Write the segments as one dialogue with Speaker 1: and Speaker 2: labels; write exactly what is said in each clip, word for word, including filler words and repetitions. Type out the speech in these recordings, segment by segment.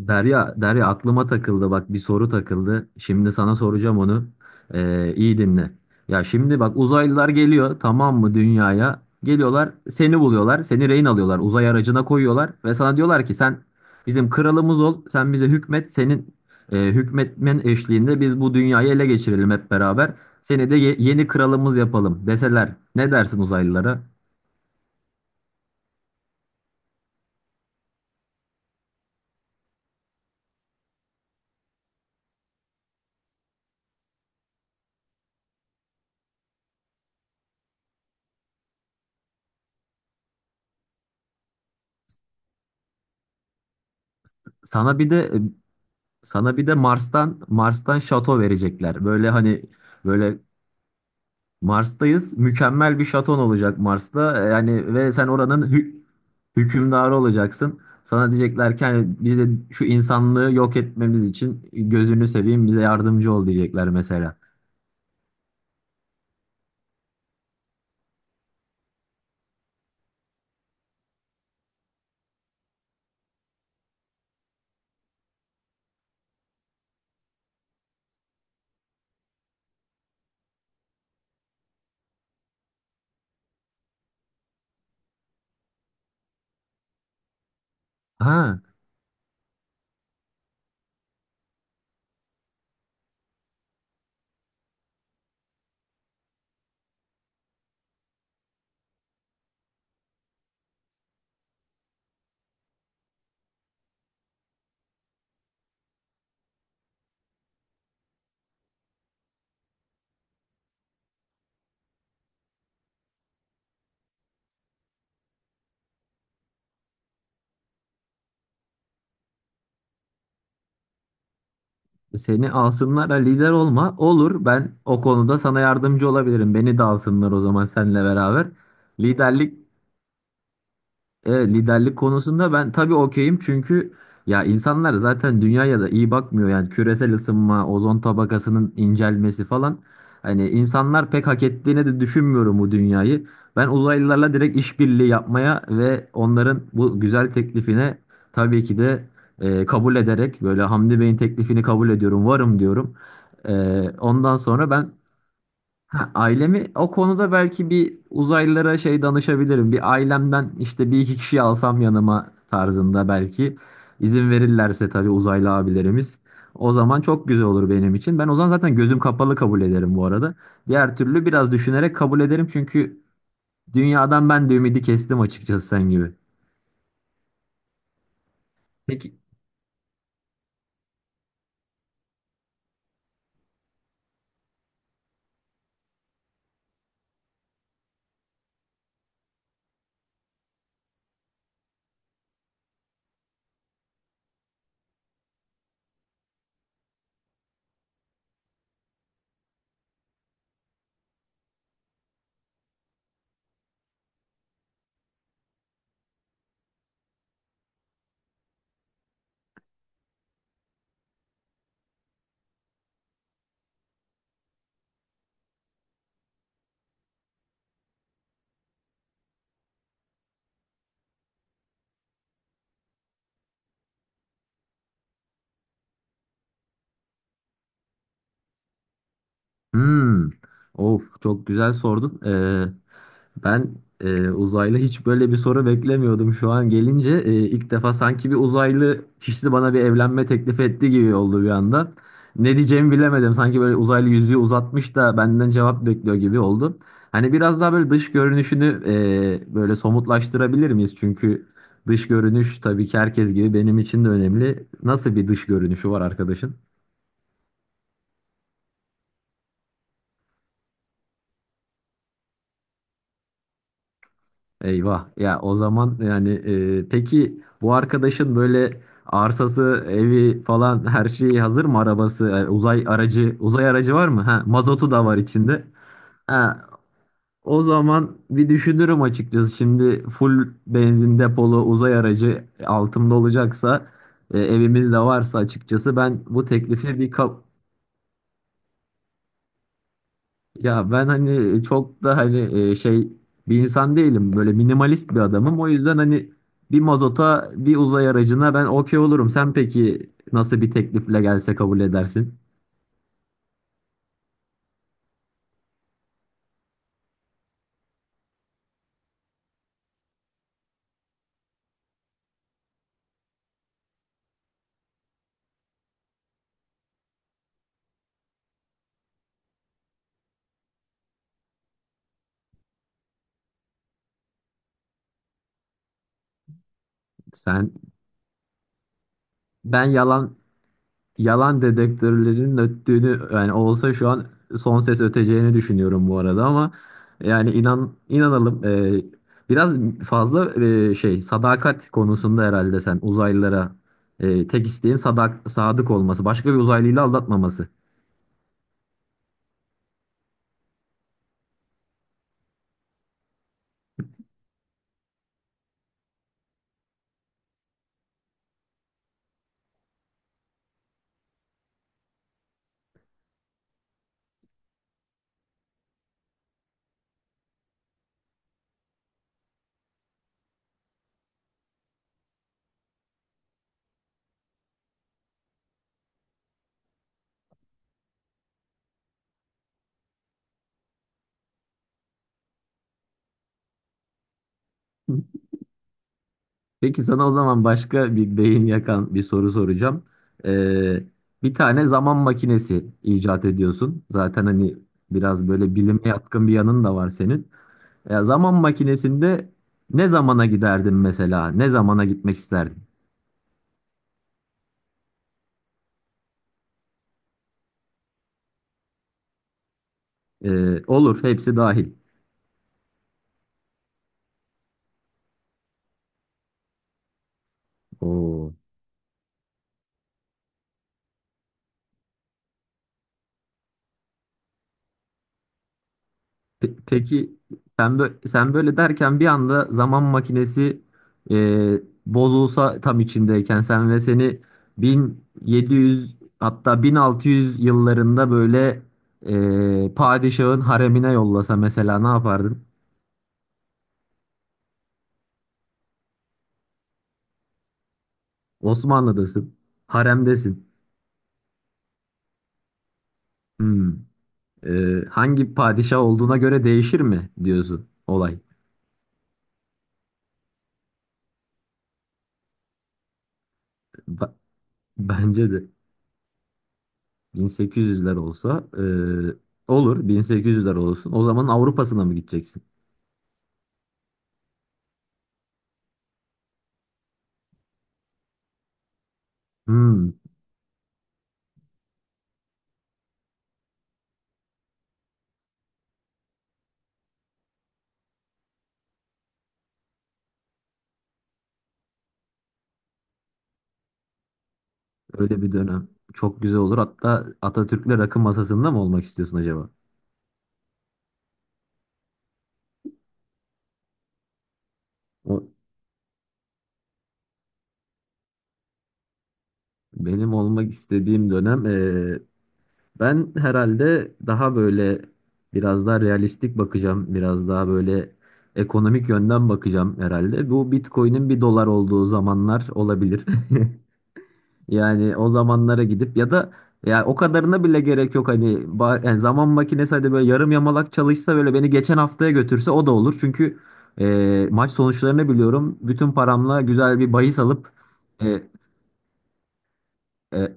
Speaker 1: Derya, Derya aklıma takıldı, bak, bir soru takıldı. Şimdi sana soracağım onu. Ee, iyi dinle. Ya şimdi bak, uzaylılar geliyor, tamam mı, dünyaya? Geliyorlar, seni buluyorlar. Seni rehin alıyorlar. Uzay aracına koyuyorlar. Ve sana diyorlar ki sen bizim kralımız ol. Sen bize hükmet. Senin e, hükmetmen eşliğinde biz bu dünyayı ele geçirelim hep beraber. Seni de ye- yeni kralımız yapalım deseler. Ne dersin uzaylılara? Sana bir de e, sana bir de Mars'tan Mars'tan şato verecekler. Böyle hani böyle Mars'tayız. Mükemmel bir şaton olacak Mars'ta. E, Yani ve sen oranın hü- hükümdarı olacaksın. Sana diyecekler ki hani biz de şu insanlığı yok etmemiz için gözünü seveyim bize yardımcı ol, diyecekler mesela. Ha, seni alsınlar ha, lider olma. Olur, ben o konuda sana yardımcı olabilirim. Beni de alsınlar o zaman seninle beraber. Liderlik Evet, liderlik konusunda ben tabii okeyim, çünkü ya insanlar zaten dünyaya da iyi bakmıyor, yani küresel ısınma, ozon tabakasının incelmesi falan. Hani insanlar pek hak ettiğini de düşünmüyorum bu dünyayı. Ben uzaylılarla direkt işbirliği yapmaya ve onların bu güzel teklifine tabii ki de e, kabul ederek, böyle Hamdi Bey'in teklifini kabul ediyorum, varım diyorum. E, Ondan sonra ben. Ha, ailemi o konuda belki bir uzaylılara şey danışabilirim. Bir ailemden işte bir iki kişi alsam yanıma tarzında belki, izin verirlerse tabii uzaylı abilerimiz. O zaman çok güzel olur benim için. Ben o zaman zaten gözüm kapalı kabul ederim bu arada. Diğer türlü biraz düşünerek kabul ederim, çünkü dünyadan ben de ümidi kestim açıkçası, sen gibi. Peki. Hmm. Of, çok güzel sordun. Ee, Ben e, uzaylı hiç böyle bir soru beklemiyordum. Şu an gelince e, ilk defa sanki bir uzaylı kişisi bana bir evlenme teklif etti gibi oldu bir anda. Ne diyeceğimi bilemedim. Sanki böyle uzaylı yüzüğü uzatmış da benden cevap bekliyor gibi oldu. Hani biraz daha böyle dış görünüşünü e, böyle somutlaştırabilir miyiz? Çünkü dış görünüş tabii ki herkes gibi benim için de önemli. Nasıl bir dış görünüşü var arkadaşın? Eyvah. Ya o zaman yani e, peki bu arkadaşın böyle arsası, evi falan her şeyi hazır mı? Arabası, e, uzay aracı, uzay aracı var mı? Ha, mazotu da var içinde. Ha, o zaman bir düşünürüm açıkçası. Şimdi full benzin depolu uzay aracı altımda olacaksa, e, evimiz de varsa, açıkçası ben bu teklifi bir ka-. Ya ben hani e, çok da hani e, şey bir insan değilim. Böyle minimalist bir adamım. O yüzden hani bir mazota, bir uzay aracına ben okey olurum. Sen peki nasıl bir teklifle gelse kabul edersin? Sen, ben yalan yalan dedektörlerin öttüğünü, yani olsa şu an son ses öteceğini düşünüyorum bu arada. Ama yani inan inanalım, e, biraz fazla e, şey, sadakat konusunda herhalde sen uzaylılara, e, tek isteğin sadak sadık olması, başka bir uzaylıyla aldatmaması. Peki sana o zaman başka bir beyin yakan bir soru soracağım. E, Bir tane zaman makinesi icat ediyorsun. Zaten hani biraz böyle bilime yatkın bir yanın da var senin. Ya zaman makinesinde ne zamana giderdin mesela? Ne zamana gitmek isterdin? Ee, olur, hepsi dahil. Oo. Pe- peki sen böyle, sen böyle derken bir anda zaman makinesi e, bozulsa tam içindeyken sen, ve seni bin yedi yüz hatta bin altı yüz yıllarında böyle e, padişahın haremine yollasa mesela, ne yapardın? Osmanlı'dasın, haremdesin. Hmm. Ee, hangi padişah olduğuna göre değişir mi diyorsun olay. Ba- Bence de bin sekiz yüzler olsa, e, olur, bin sekiz yüzler olsun. O zaman Avrupa'sına mı gideceksin? Hmm, öyle bir dönem. Çok güzel olur. Hatta Atatürk'le rakı masasında mı olmak istiyorsun acaba? O, benim olmak istediğim dönem. Ben herhalde daha böyle biraz daha realistik bakacağım. Biraz daha böyle ekonomik yönden bakacağım herhalde. Bu Bitcoin'in bir dolar olduğu zamanlar olabilir. Yani o zamanlara gidip, ya da ya o kadarına bile gerek yok hani, ba-, yani zaman makinesi hadi böyle yarım yamalak çalışsa, böyle beni geçen haftaya götürse o da olur. Çünkü e, maç sonuçlarını biliyorum. Bütün paramla güzel bir bahis alıp. e, e,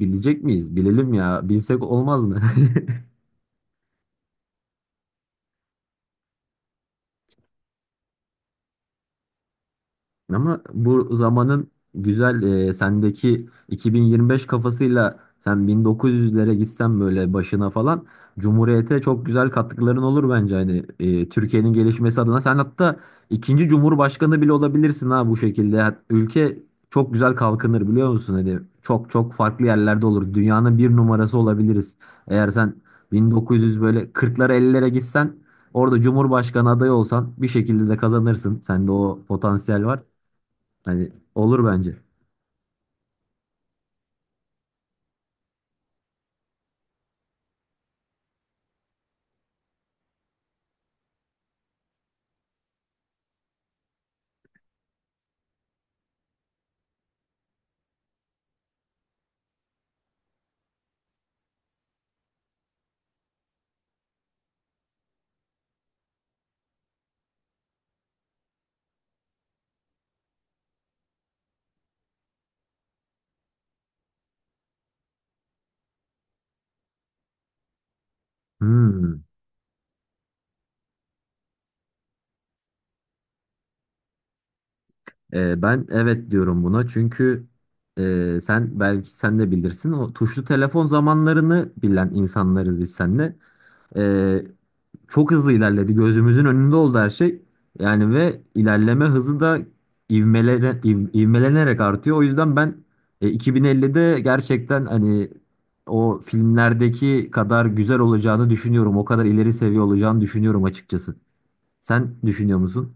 Speaker 1: Bilecek miyiz? Bilelim ya. Bilsek olmaz mı? Ama bu zamanın güzel, e, sendeki iki bin yirmi beş kafasıyla sen bin dokuz yüzlere gitsen, böyle başına falan, Cumhuriyete çok güzel katkıların olur bence, hani e, Türkiye'nin gelişmesi adına. Sen hatta ikinci Cumhurbaşkanı bile olabilirsin ha, bu şekilde. Ha- Ülke çok güzel kalkınır, biliyor musun? Hani çok çok farklı yerlerde olur. Dünyanın bir numarası olabiliriz. Eğer sen bin dokuz yüz, böyle kırklara ellilere gitsen, orada Cumhurbaşkanı adayı olsan, bir şekilde de kazanırsın. Sende o potansiyel var. Hani olur bence. Hmm. Ee, ben evet diyorum buna, çünkü e, sen belki, sen de bilirsin, o tuşlu telefon zamanlarını bilen insanlarız biz seninle. Ee, Çok hızlı ilerledi, gözümüzün önünde oldu her şey. Yani ve ilerleme hızı da ivmelere, iv- ivmelenerek artıyor. O yüzden ben e, iki bin ellide gerçekten hani o filmlerdeki kadar güzel olacağını düşünüyorum. O kadar ileri seviye olacağını düşünüyorum açıkçası. Sen düşünüyor musun?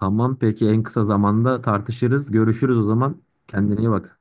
Speaker 1: Tamam, peki, en kısa zamanda tartışırız. Görüşürüz o zaman. Kendine iyi bak.